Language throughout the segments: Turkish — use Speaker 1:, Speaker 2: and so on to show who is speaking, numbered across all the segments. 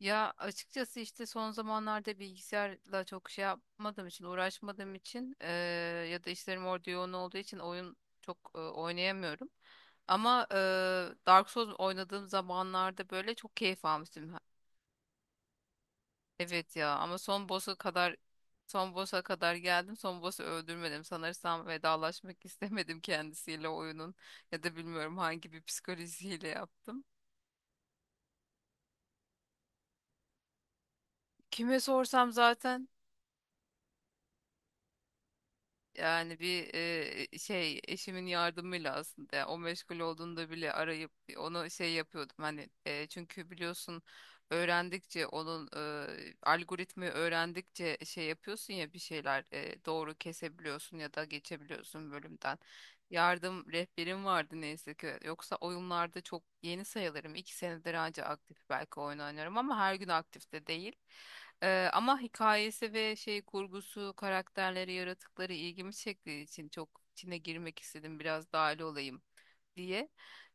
Speaker 1: Ya, açıkçası işte son zamanlarda bilgisayarla çok şey yapmadığım için, uğraşmadığım için ya da işlerim orada yoğun olduğu için oyun çok oynayamıyorum. Ama Dark Souls oynadığım zamanlarda böyle çok keyif almıştım. Evet ya, ama son boss'a kadar geldim. Son boss'u öldürmedim. Sanırsam vedalaşmak istemedim kendisiyle oyunun ya da bilmiyorum hangi bir psikolojiyle yaptım. Kime sorsam zaten. Yani bir şey eşimin yardımıyla aslında, yani o meşgul olduğunda bile arayıp onu şey yapıyordum hani, çünkü biliyorsun, öğrendikçe onun algoritmi öğrendikçe şey yapıyorsun ya, bir şeyler doğru kesebiliyorsun ya da geçebiliyorsun bölümden. Yardım rehberim vardı neyse ki. Yoksa oyunlarda çok yeni sayılırım. İki senedir anca aktif belki oyun oynarım, ama her gün aktif de değil. Ama hikayesi ve şey kurgusu, karakterleri, yaratıkları ilgimi çektiği için çok içine girmek istedim. Biraz dahil olayım diye.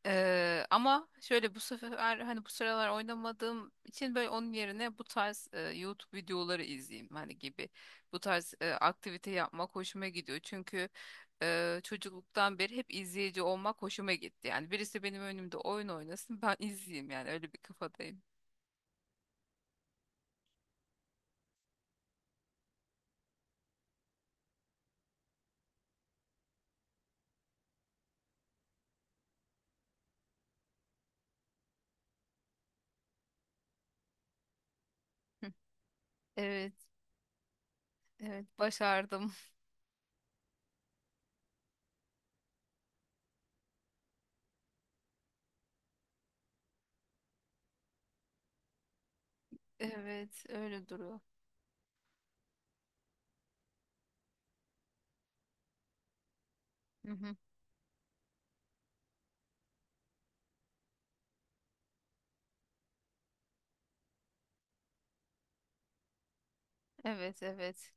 Speaker 1: Ama şöyle, bu sefer hani bu sıralar oynamadığım için böyle onun yerine bu tarz YouTube videoları izleyeyim hani gibi. Bu tarz aktivite yapmak hoşuma gidiyor. Çünkü çocukluktan beri hep izleyici olmak hoşuma gitti. Yani birisi benim önümde oyun oynasın, ben izleyeyim, yani öyle bir kafadayım. Hı. Evet, evet, başardım. Evet, öyle duruyor. Hı hı. Evet, evet.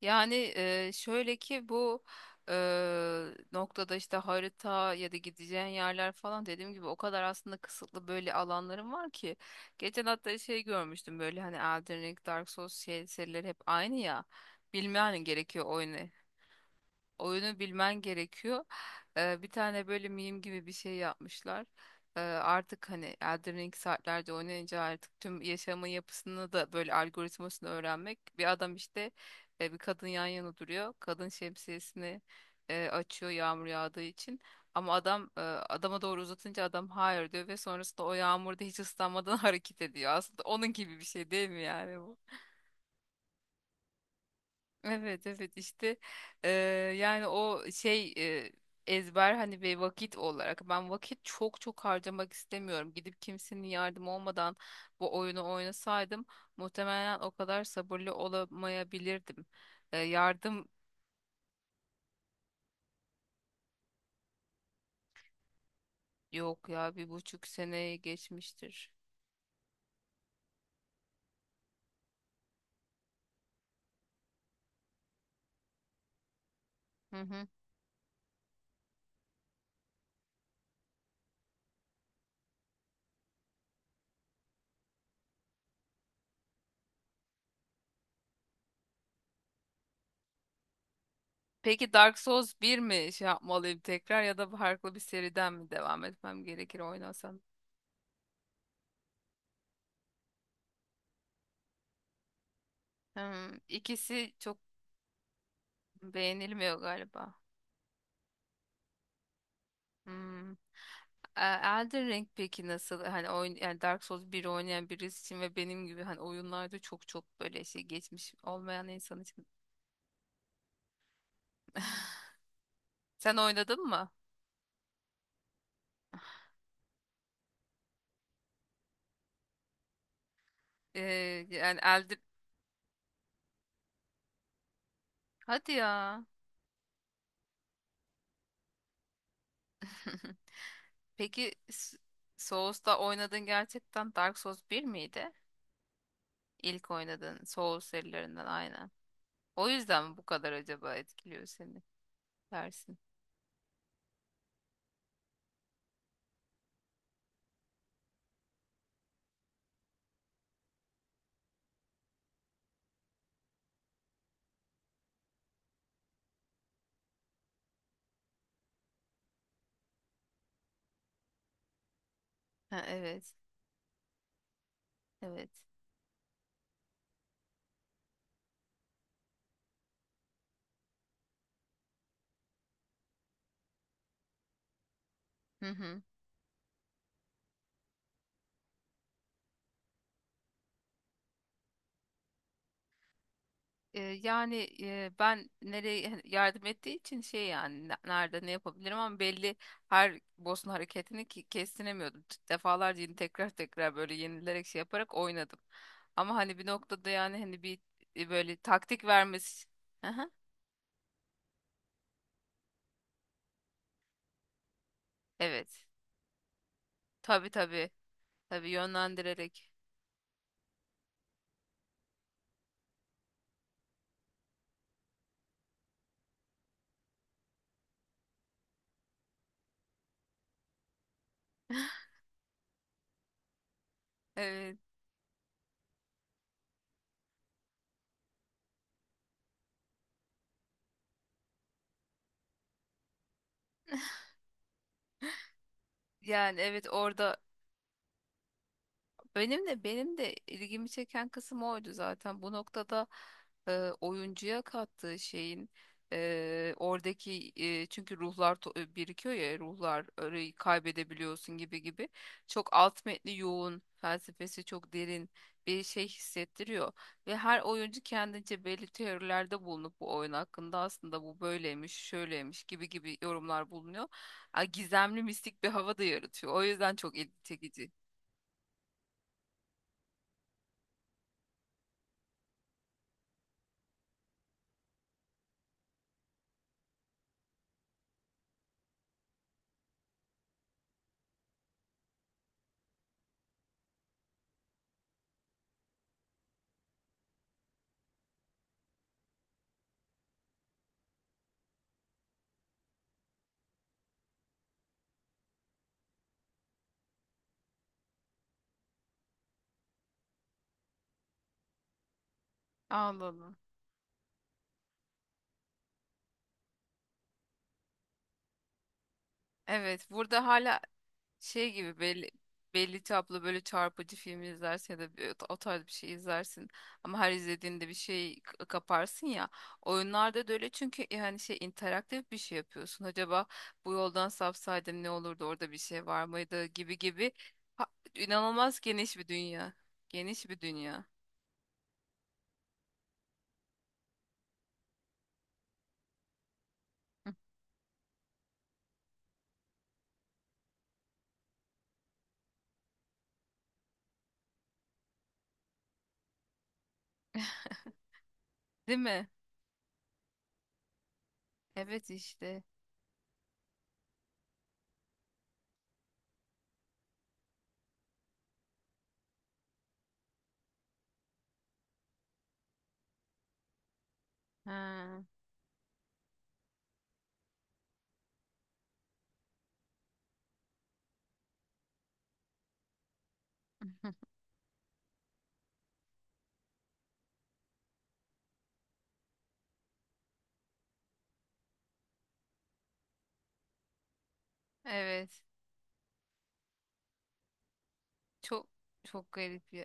Speaker 1: Yani, şöyle ki bu eee, noktada işte harita ya da gideceğin yerler falan, dediğim gibi o kadar aslında kısıtlı böyle alanlarım var ki. Geçen hatta şey görmüştüm böyle, hani Elden Ring, Dark Souls şey, serileri hep aynı ya. Bilmen gerekiyor oyunu. Oyunu bilmen gerekiyor. Bir tane böyle meme gibi bir şey yapmışlar. Artık hani Elden Ring saatlerce oynayınca artık tüm yaşamın yapısını da böyle algoritmasını öğrenmek. Bir adam işte bir kadın yan yana duruyor. Kadın şemsiyesini açıyor yağmur yağdığı için. Ama adam adama doğru uzatınca adam hayır diyor ve sonrasında o yağmurda hiç ıslanmadan hareket ediyor. Aslında onun gibi bir şey değil mi yani bu? Evet, evet, işte eee, yani o şey ezber hani bir vakit olarak ben çok çok harcamak istemiyorum. Gidip kimsenin yardım olmadan bu oyunu oynasaydım muhtemelen o kadar sabırlı olamayabilirdim. Yardım, yok ya, bir buçuk seneye geçmiştir. Hı hı. Peki Dark Souls bir mi şey yapmalıyım tekrar ya da farklı bir seriden mi devam etmem gerekir oynasam? Hmm, ikisi çok beğenilmiyor galiba. Hmm. E, Elden Ring peki nasıl hani oyun, yani Dark Souls 1 oynayan birisi için ve benim gibi hani oyunlarda çok çok böyle şey geçmiş olmayan insan için. Sen oynadın mı? E, yani Elden. Hadi ya. Peki Souls'ta oynadığın gerçekten Dark Souls bir miydi? İlk oynadığın Souls serilerinden aynen. O yüzden mi bu kadar acaba etkiliyor seni dersin? Ha, evet. Evet. Hı hı. E, yani, ben nereye yani yardım ettiği için şey, yani nerede ne yapabilirim, ama belli her boss'un hareketini ki kestiremiyordum. Defalarca yine tekrar tekrar böyle yenilerek şey yaparak oynadım. Ama hani bir noktada yani hani bir böyle taktik vermesi. Aha, evet. Tabii, tabii. Tabii, yönlendirerek. Evet. Yani evet orada. Benim de ilgimi çeken kısım oydu zaten. Bu noktada oyuncuya kattığı şeyin oradaki çünkü ruhlar birikiyor ya ruhlar, orayı kaybedebiliyorsun gibi gibi. Çok alt metni yoğun, felsefesi çok derin bir şey hissettiriyor ve her oyuncu kendince belli teorilerde bulunup bu oyun hakkında aslında bu böyleymiş, şöyleymiş gibi gibi yorumlar bulunuyor. Ha, gizemli mistik bir hava da yaratıyor. O yüzden çok ilgi çekici. Allah Allah. Evet, burada hala şey gibi belli, belli tablo, böyle çarpıcı film izlersin ya da o tarz bir şey izlersin, ama her izlediğinde bir şey kaparsın ya, oyunlarda da öyle, çünkü yani şey, interaktif bir şey yapıyorsun: acaba bu yoldan sapsaydım ne olurdu, orada bir şey var mıydı gibi gibi. Ha- inanılmaz geniş bir geniş bir dünya. Hı. Değil mi? Evet işte. Ha. Evet, çok çok garip ya.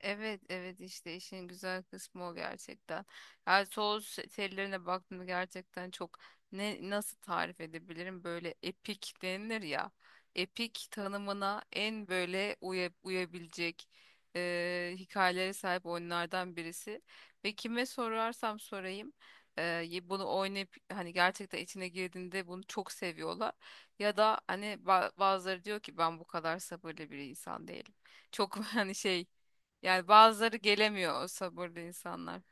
Speaker 1: Evet, evet, işte işin güzel kısmı o gerçekten. Yani sos tellerine baktığımda gerçekten çok, ne nasıl tarif edebilirim, böyle epik denilir ya. Epik tanımına en böyle uyabilecek hikayelere sahip oyunlardan birisi. Ve kime sorarsam sorayım bunu oynayıp hani gerçekten içine girdiğinde bunu çok seviyorlar. Ya da hani bazıları diyor ki, ben bu kadar sabırlı bir insan değilim. Çok hani şey, yani bazıları gelemiyor o sabırlı insanlar.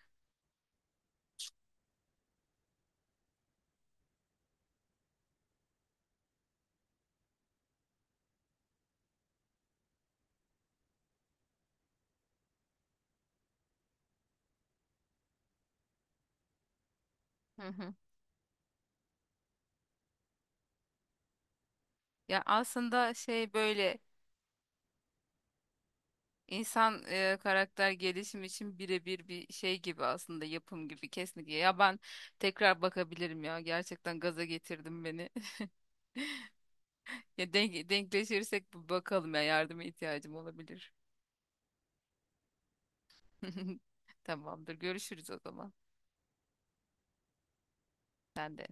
Speaker 1: Hı hı. Ya, aslında şey, böyle insan karakter gelişimi için birebir bir şey gibi aslında, yapım gibi kesinlikle. Ya, ben tekrar bakabilirim ya, gerçekten gaza getirdim beni. Ya, denkleşirsek bir bakalım ya, yardıma ihtiyacım olabilir. Tamamdır, görüşürüz o zaman. Sen de.